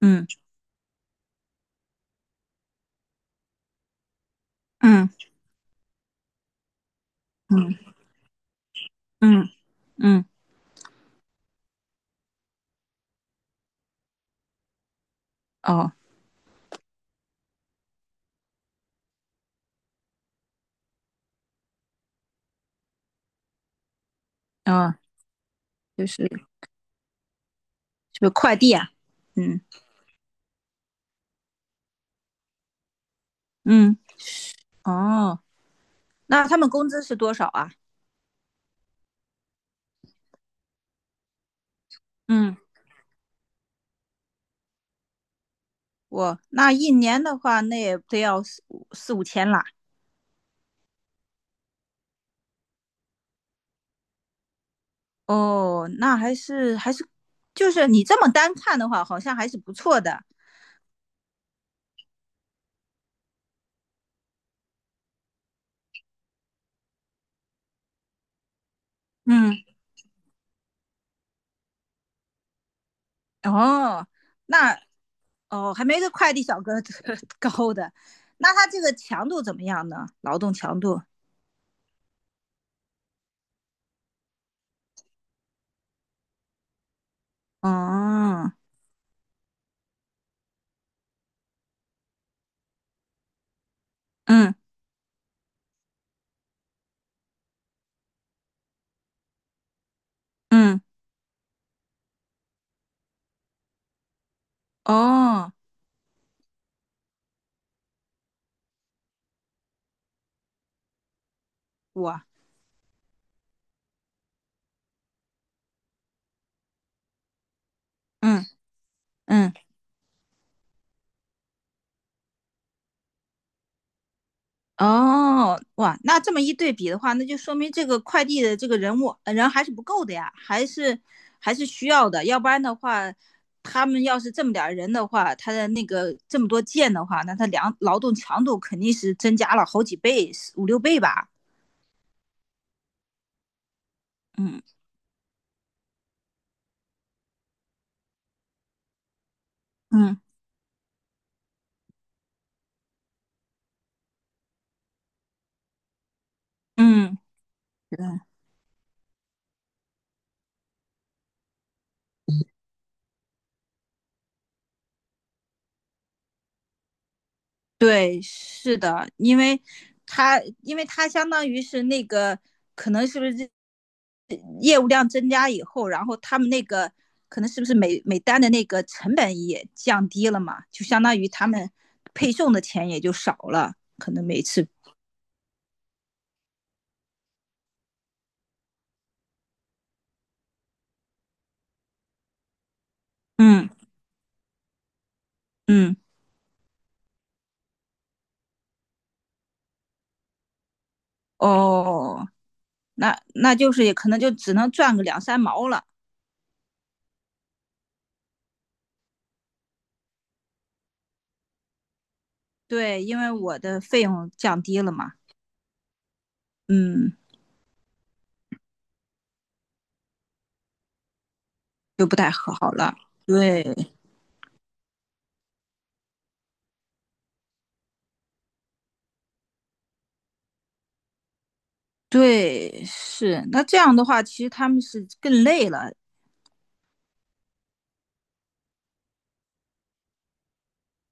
嗯嗯嗯嗯嗯，哦哦，就是就是快递啊，嗯嗯，哦，那他们工资是多少啊？嗯，我那一年的话，那也得要四五千啦。哦，那还是还是，就是你这么单看的话，好像还是不错的。嗯，哦，那哦，还没个快递小哥 高的。那他这个强度怎么样呢？劳动强度？哦，嗯嗯，嗯哦。哇，嗯嗯，哦，哇，那这么一对比的话，那就说明这个快递的这个人还是不够的呀，还是需要的，要不然的话，他们要是这么点儿人的话，他的那个这么多件的话，那他量劳动强度肯定是增加了好几倍，五六倍吧。嗯嗯嗯，对，是的，因为他相当于是那个可能是不是业务量增加以后，然后他们那个可能是不是每单的那个成本也降低了嘛，就相当于他们配送的钱也就少了，可能每次，嗯嗯，哦，那就是也可能就只能赚个两三毛了，对，因为我的费用降低了嘛，嗯，就不太好了，对。对，是。那这样的话，其实他们是更累了。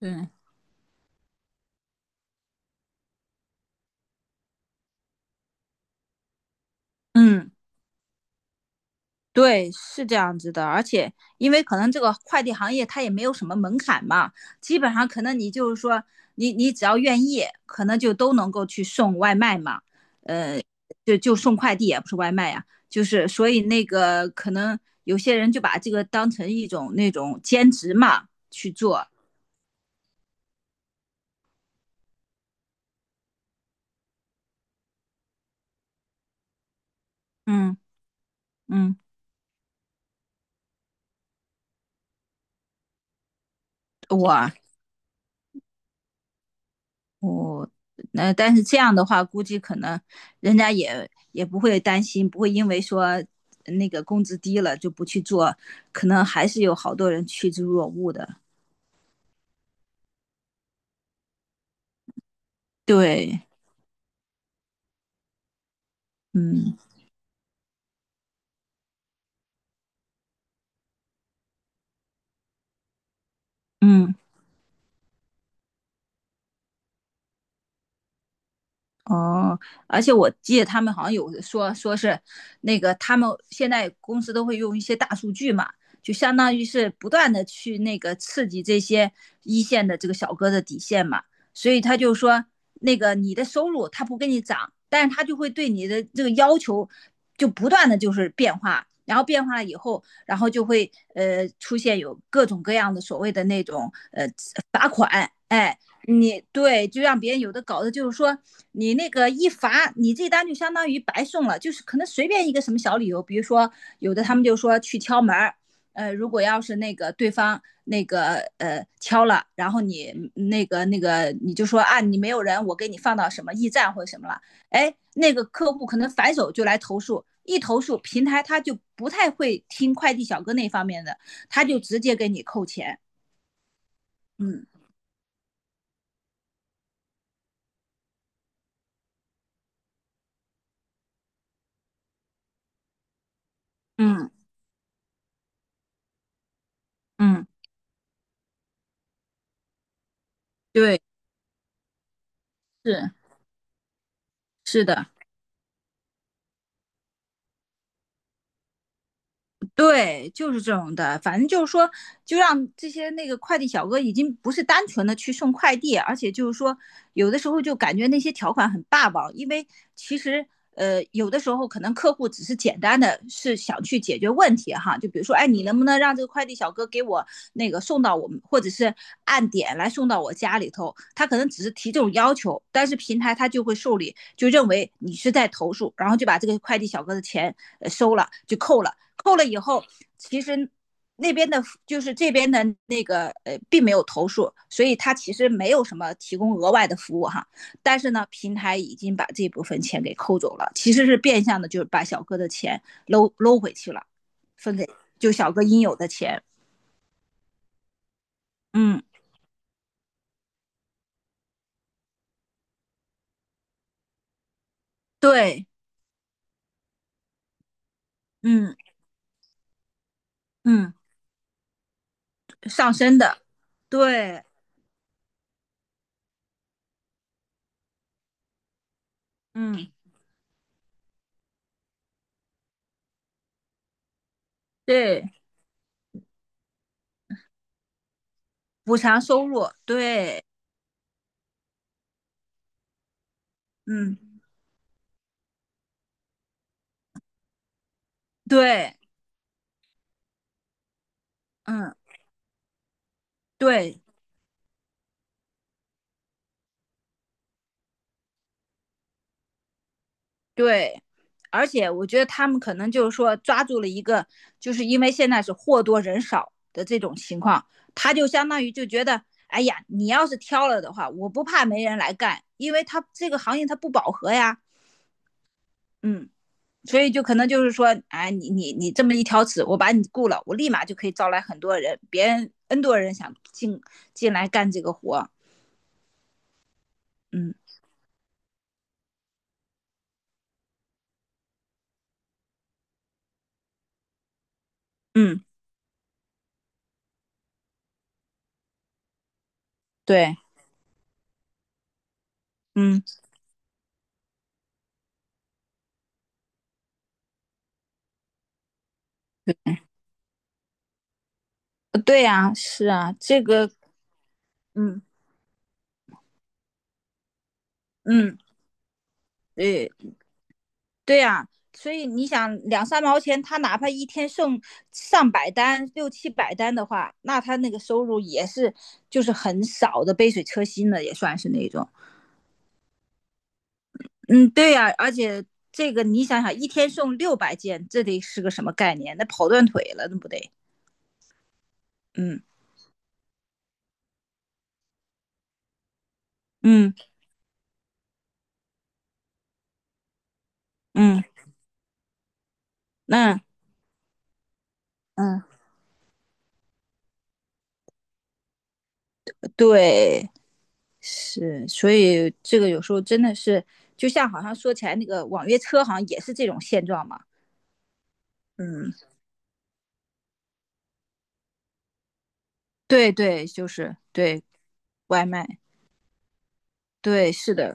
嗯嗯，对，是这样子的。而且，因为可能这个快递行业它也没有什么门槛嘛，基本上可能你就是说，你只要愿意，可能就都能够去送外卖嘛。呃，就送快递也不是外卖呀、就是所以那个可能有些人就把这个当成一种那种兼职嘛去做。嗯嗯，我但是这样的话，估计可能人家也不会担心，不会因为说那个工资低了就不去做，可能还是有好多人趋之若鹜的。对，嗯嗯。哦，而且我记得他们好像有说是那个他们现在公司都会用一些大数据嘛，就相当于是不断的去那个刺激这些一线的这个小哥的底线嘛，所以他就说那个你的收入他不给你涨，但是他就会对你的这个要求就不断的就是变化，然后变化了以后，然后就会出现有各种各样的所谓的那种对，就让别人有的搞的，就是说你那个一罚，你这单就相当于白送了，就是可能随便一个什么小理由，比如说有的他们就说去敲门儿，如果要是那个对方那个敲了，然后你那个你就说啊你没有人，我给你放到什么驿站或者什么了，哎，那个客户可能反手就来投诉，一投诉平台他就不太会听快递小哥那方面的，他就直接给你扣钱，嗯嗯嗯，对，是。是的，对，就是这种的。反正就是说，就让这些那个快递小哥已经不是单纯的去送快递，而且就是说，有的时候就感觉那些条款很霸王，因为其实有的时候可能客户只是简单的是想去解决问题哈，就比如说，哎，你能不能让这个快递小哥给我那个送到我们，或者是按点来送到我家里头？他可能只是提这种要求，但是平台他就会受理，就认为你是在投诉，然后就把这个快递小哥的钱收了，就扣了。扣了以后，其实那边的，就是这边的那个并没有投诉，所以他其实没有什么提供额外的服务哈。但是呢，平台已经把这部分钱给扣走了，其实是变相的，就是把小哥的钱搂搂回去了，分给就小哥应有的钱。嗯，对，嗯嗯，上升的，对，嗯对，补偿收入，对，嗯对，嗯对，对，而且我觉得他们可能就是说抓住了一个，就是因为现在是货多人少的这种情况，他就相当于就觉得，哎呀，你要是挑了的话，我不怕没人来干，因为他这个行业他不饱和呀，嗯，所以就可能就是说，哎，你这么一挑刺，我把你雇了，我立马就可以招来很多人，别人 N 多人想进来干这个活，嗯嗯，对，嗯，对呀，是啊，这个，嗯嗯，对。对呀、所以你想两三毛钱，他哪怕一天送上百单、六七百单的话，那他那个收入也是就是很少的，杯水车薪的也算是那种。嗯，对呀、而且这个你想想，一天送600件，这得是个什么概念？那跑断腿了，那不得？嗯嗯嗯，那嗯对，是，所以这个有时候真的是，就像好像说起来那个网约车，好像也是这种现状嘛。嗯，对对，就是对，外卖。对，是的，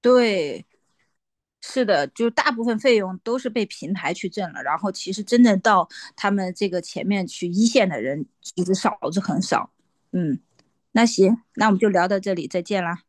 对，是的，就大部分费用都是被平台去挣了，然后其实真正到他们这个前面去一线的人，其实少之很少。嗯，那行，那我们就聊到这里，再见啦。